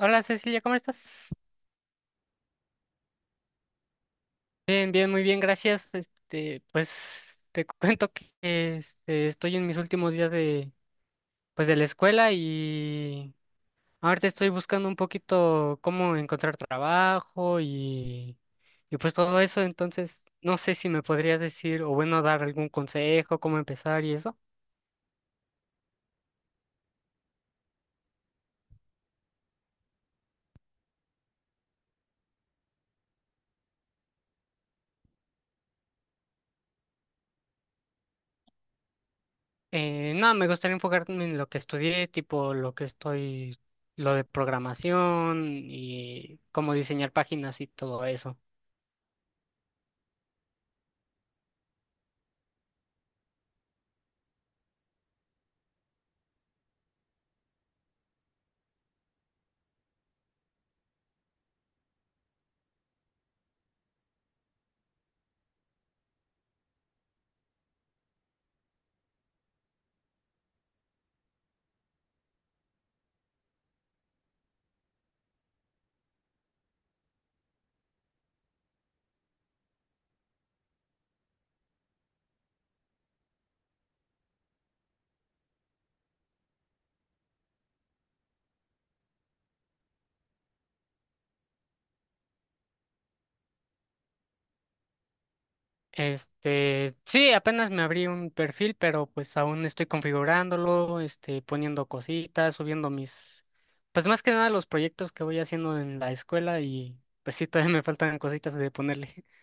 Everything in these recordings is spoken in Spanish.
Hola Cecilia, ¿cómo estás? Bien, bien, muy bien, gracias. Pues te cuento que estoy en mis últimos días de, pues, de la escuela y ahorita estoy buscando un poquito cómo encontrar trabajo y pues todo eso. Entonces, no sé si me podrías decir o bueno, dar algún consejo, cómo empezar y eso. No, me gustaría enfocarme en lo que estudié, tipo lo que estoy, lo de programación y cómo diseñar páginas y todo eso. Sí, apenas me abrí un perfil, pero pues aún estoy configurándolo, poniendo cositas, subiendo mis, pues más que nada los proyectos que voy haciendo en la escuela y pues sí, todavía me faltan cositas de ponerle.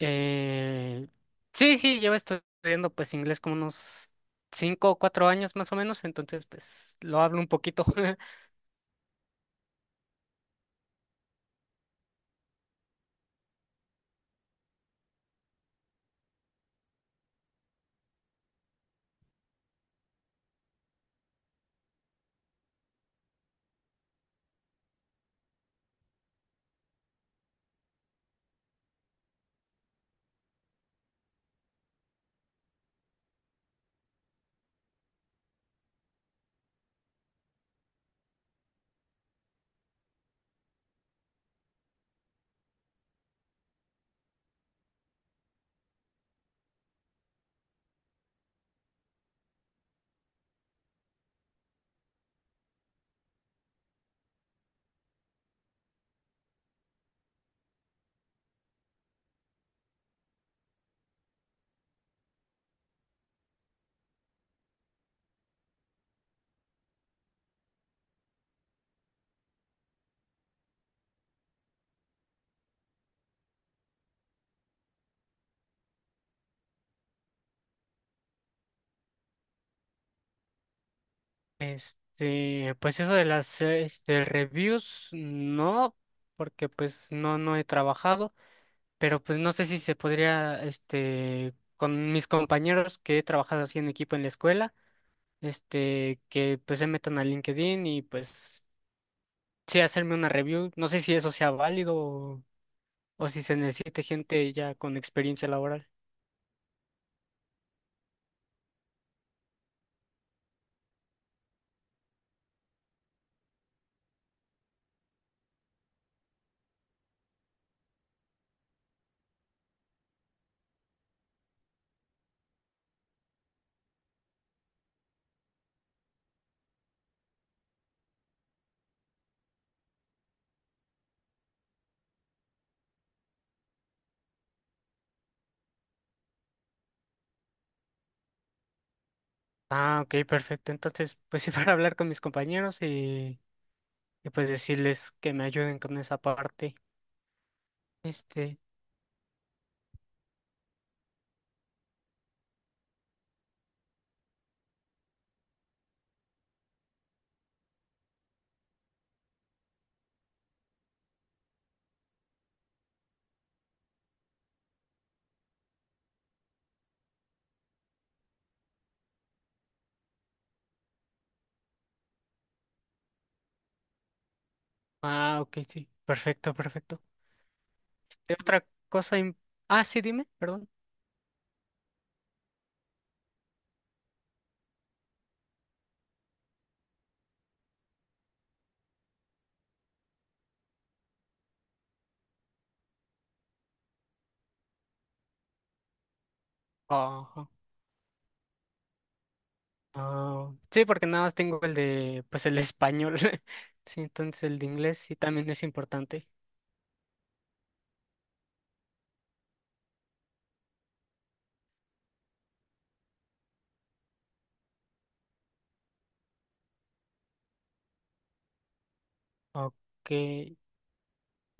Eh, sí, llevo estudiando pues inglés como unos cinco o cuatro años más o menos, entonces pues lo hablo un poquito. Pues eso de las reviews, no, porque pues no, no he trabajado. Pero pues no sé si se podría, con mis compañeros que he trabajado así en equipo en la escuela, que pues se metan a LinkedIn y pues sí hacerme una review. No sé si eso sea válido o si se necesite gente ya con experiencia laboral. Ah, ok, perfecto. Entonces, pues sí, para hablar con mis compañeros y pues decirles que me ayuden con esa parte. Este, ah, ok, sí. Perfecto, perfecto. Este, otra cosa, im- ah, sí, dime, perdón. Ah, sí, porque nada más tengo el de, pues el español. Sí, entonces el de inglés sí también es importante. Ok.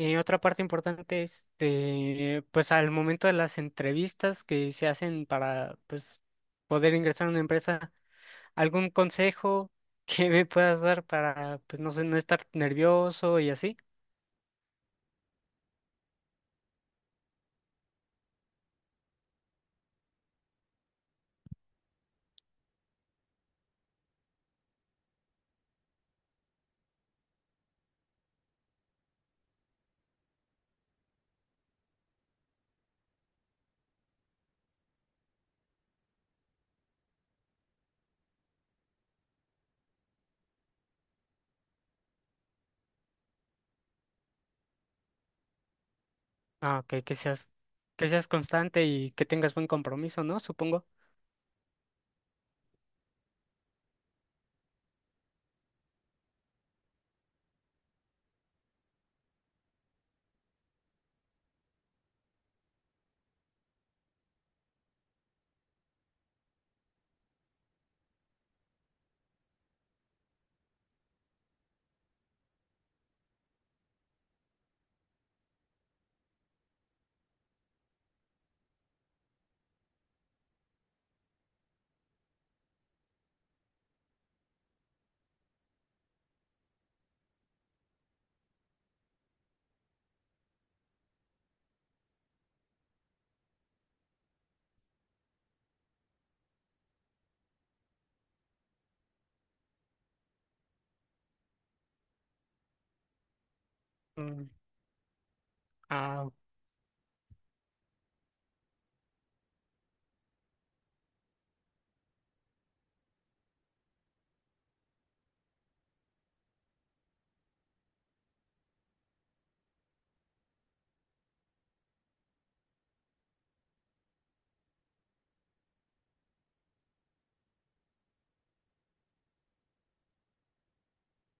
Y otra parte importante es, de, pues al momento de las entrevistas que se hacen para, pues, poder ingresar a una empresa, ¿algún consejo que me puedas dar para, pues, no sé, no estar nervioso y así? Ah, ok, que seas constante y que tengas buen compromiso, ¿no? Supongo. Mm, ah,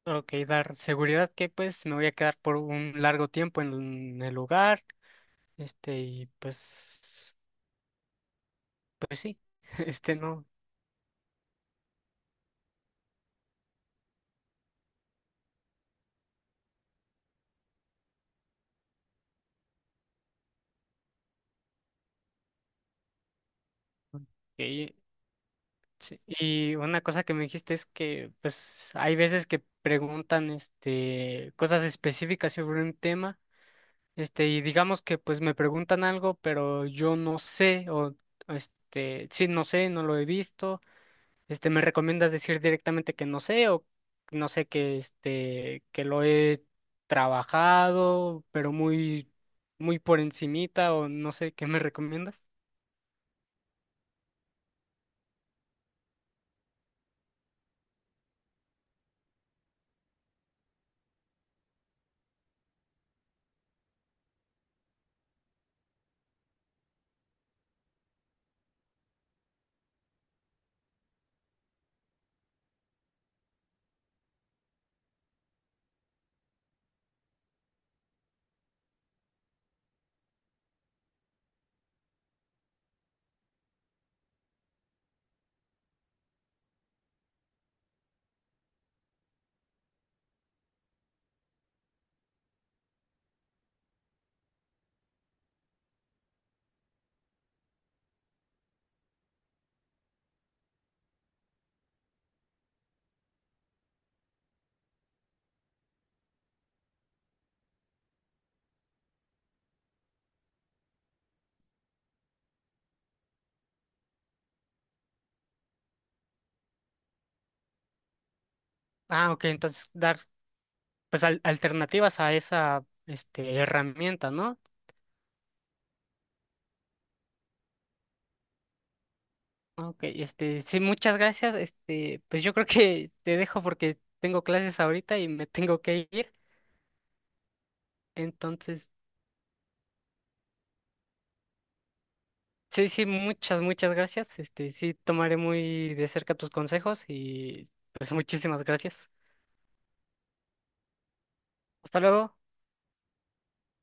Ok, dar seguridad que pues me voy a quedar por un largo tiempo en el lugar, y pues, pues sí, no. Ok, sí. Y una cosa que me dijiste es que pues hay veces que preguntan cosas específicas sobre un tema, y digamos que pues me preguntan algo, pero yo no sé, o sí, no sé, no lo he visto. ¿Me recomiendas decir directamente que no sé o no sé que que lo he trabajado, pero muy por encimita o no sé qué me recomiendas? Ah, ok, entonces dar pues alternativas a esa herramienta, ¿no? Ok, sí, muchas gracias. Pues yo creo que te dejo porque tengo clases ahorita y me tengo que ir. Entonces sí, sí, muchas, muchas gracias. Sí, tomaré muy de cerca tus consejos y pues muchísimas gracias. Hasta luego.